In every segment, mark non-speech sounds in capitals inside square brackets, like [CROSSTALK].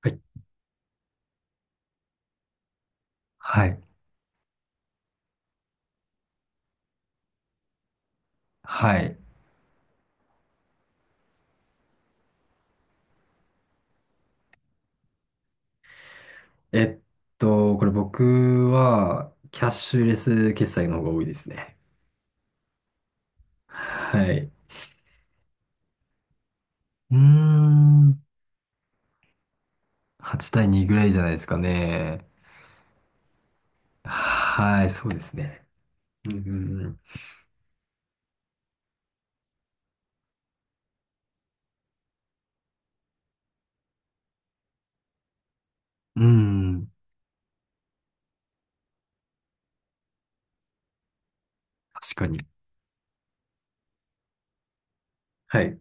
はいはい。はい。えっこれ僕は、キャッシュレス決済の方が多いですね。はい。うーん。8対2ぐらいじゃないですかね。はい、そうですね。うん、うんうん、うん、確かに。はい、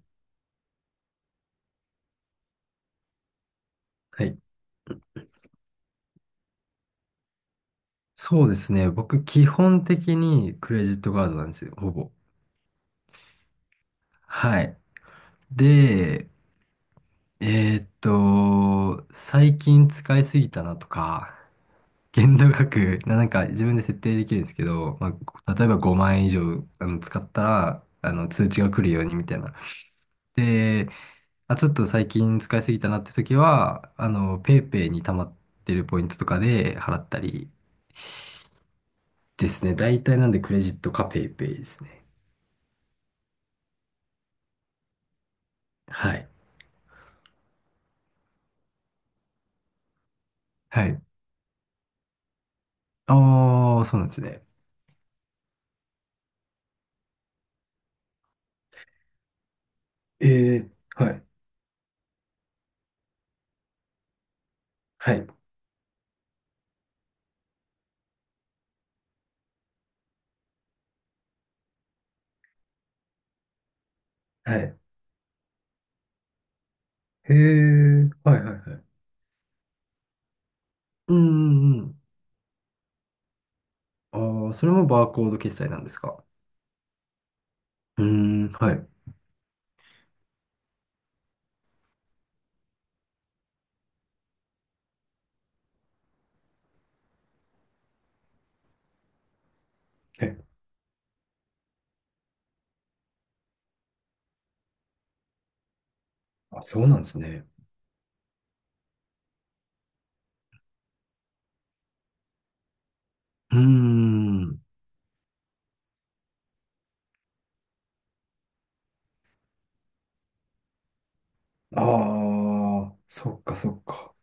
はい。そうですね。僕、基本的にクレジットカードなんですよ、ほぼ。はい。で、最近使いすぎたなとか、限度額、なんか自分で設定できるんですけど、まあ、例えば5万円以上使ったら、通知が来るようにみたいな。で、あ、ちょっと最近使いすぎたなって時は、ペイペイに溜まってるポイントとかで払ったりですね。大体なんでクレジットかペイペイですね。はい。はい。ああ、そうなんですね。ええ、はい。はい。はい。へえ、はいはいはい。うんうんうん。ああ、それもバーコード決済なんですか。うん、はい。あ、そうなんですね。うーん。ああ、そっかそっか。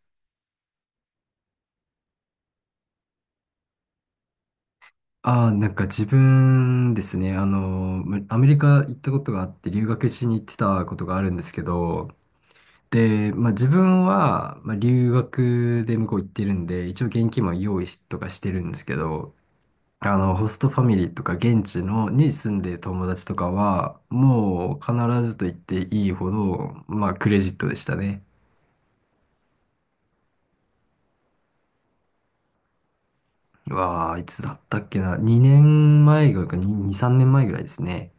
ああ、なんか自分ですね、アメリカ行ったことがあって、留学しに行ってたことがあるんですけど、で、まあ自分は、まあ、留学で向こう行ってるんで、一応現金も用意しとかしてるんですけど、ホストファミリーとか現地のに住んでる友達とかは、もう必ずと言っていいほど、まあクレジットでしたね。うわあ、いつだったっけな。2年前ぐらいか、2、2、3年前ぐらいですね。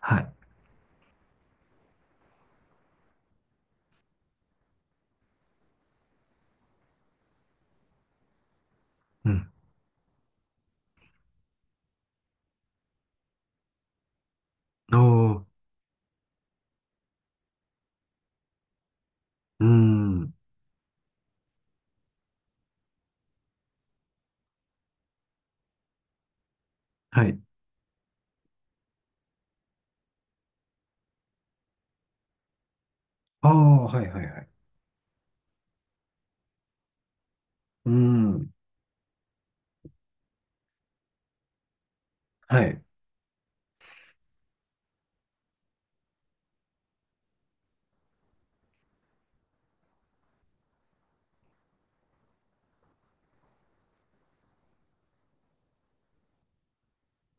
はい。うん。おー、うーん。はい。ああ、はいはいはい。うーん。はい。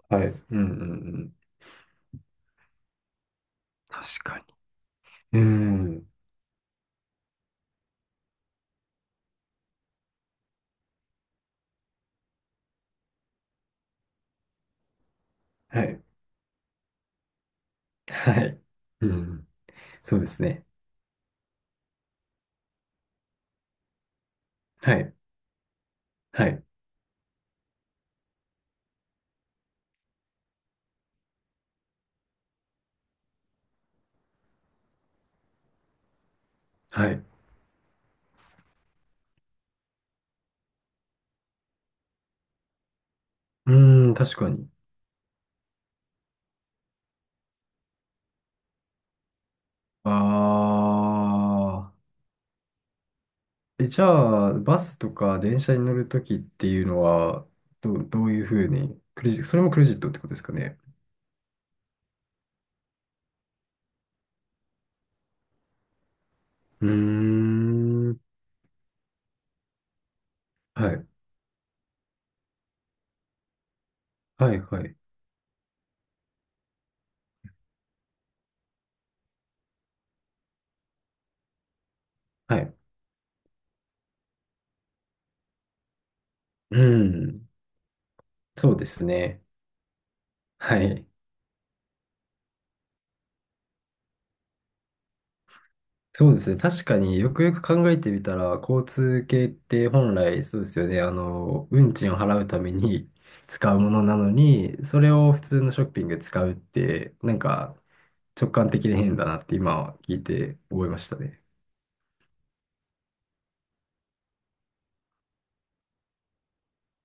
はい。うんうんうん。確かに。うーん。はい。はい。うん。そうですね。はい。はい。はい。うーん、確かに。ああ。え、じゃあ、バスとか電車に乗るときっていうのは、どういうふうに、クレジ、それもクレジットってことですかね。うーん。はい。はい、はい。はい。うん。そうですね。はい。そうですね。確かによくよく考えてみたら、交通系って本来そうですよね。運賃を払うために [LAUGHS] 使うものなのに、それを普通のショッピングで使うって、なんか直感的で変だなって今は聞いて覚えましたね。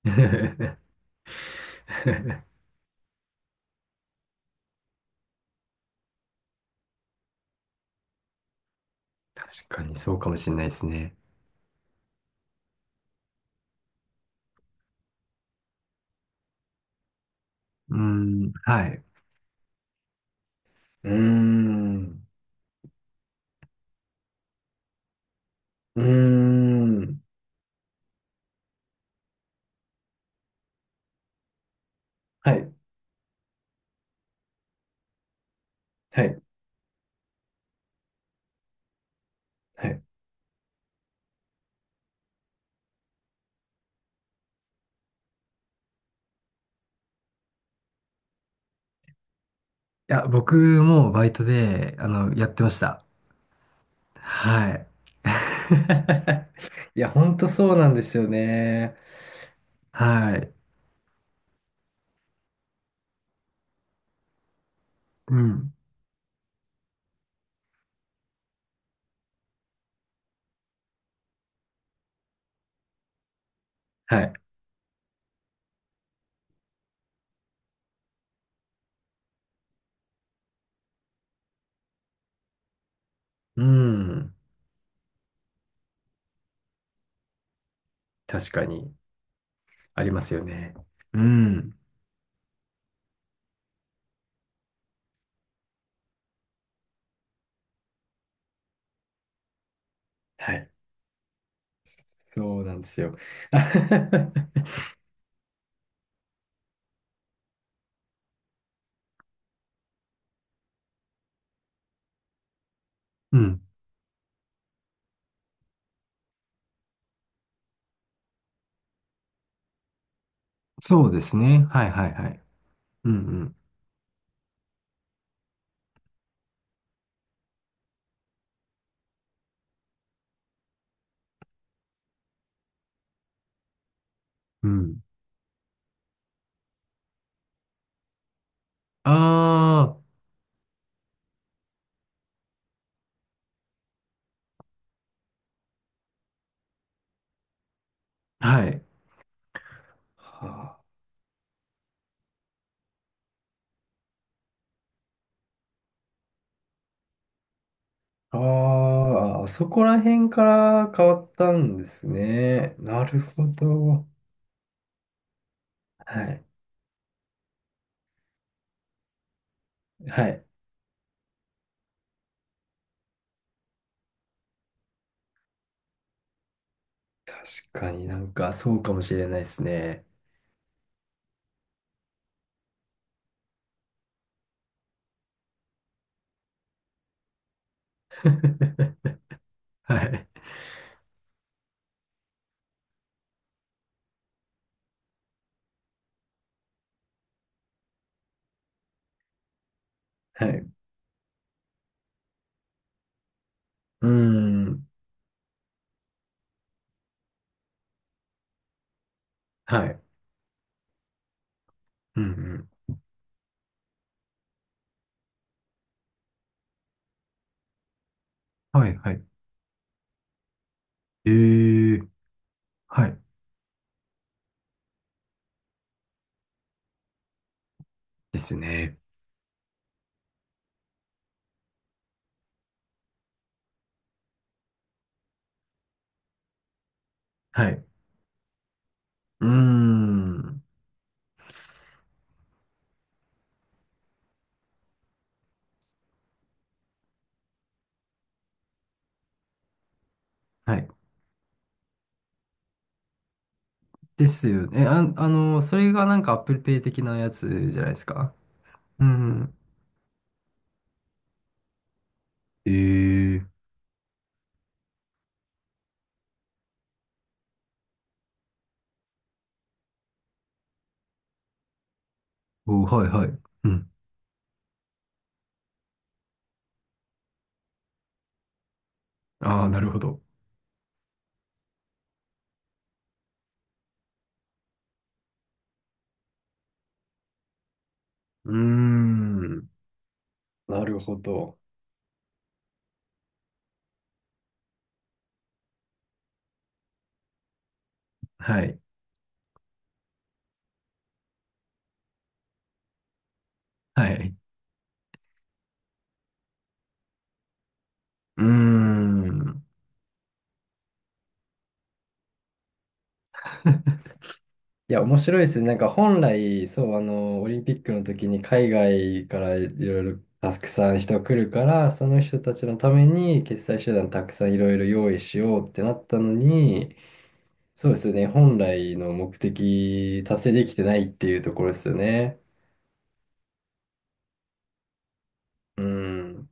[LAUGHS] 確かにそうかもしれないですね。うーん。はい。うーん。うーん。はい。はい。はい。いや、僕もバイトで、やってました。はい。[LAUGHS] いや、ほんとそうなんですよね。はい。うん。はい。うん。確かに、ありますよね。うん。はい。そうなんですよ。[LAUGHS] うん。そうですね。はいはいはい。うんうん。うん。ああ、はい。はあああ、あそこら辺から変わったんですね。なるほど。はい。はい。確かになんかそうかもしれないですね。[LAUGHS] はい。はい。うーん。はい。うんうん。はい、はい。えー。はい。ですね。はい。うーん。はい。ですよね。あ、それがなんか Apple Pay 的なやつじゃないですか。うんうん。えー。お、はい、はい。うん。ああ、なるほど。うーん。なるほど。はい。はい。うーん。いや、面白いですね。なんか本来、そう、オリンピックの時に海外からいろいろたくさん人来るから、その人たちのために決済手段たくさんいろいろ用意しようってなったのに、そうですよね。本来の目的達成できてないっていうところですよね。うん。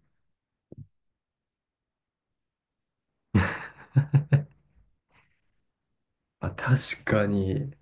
まあ、確かに。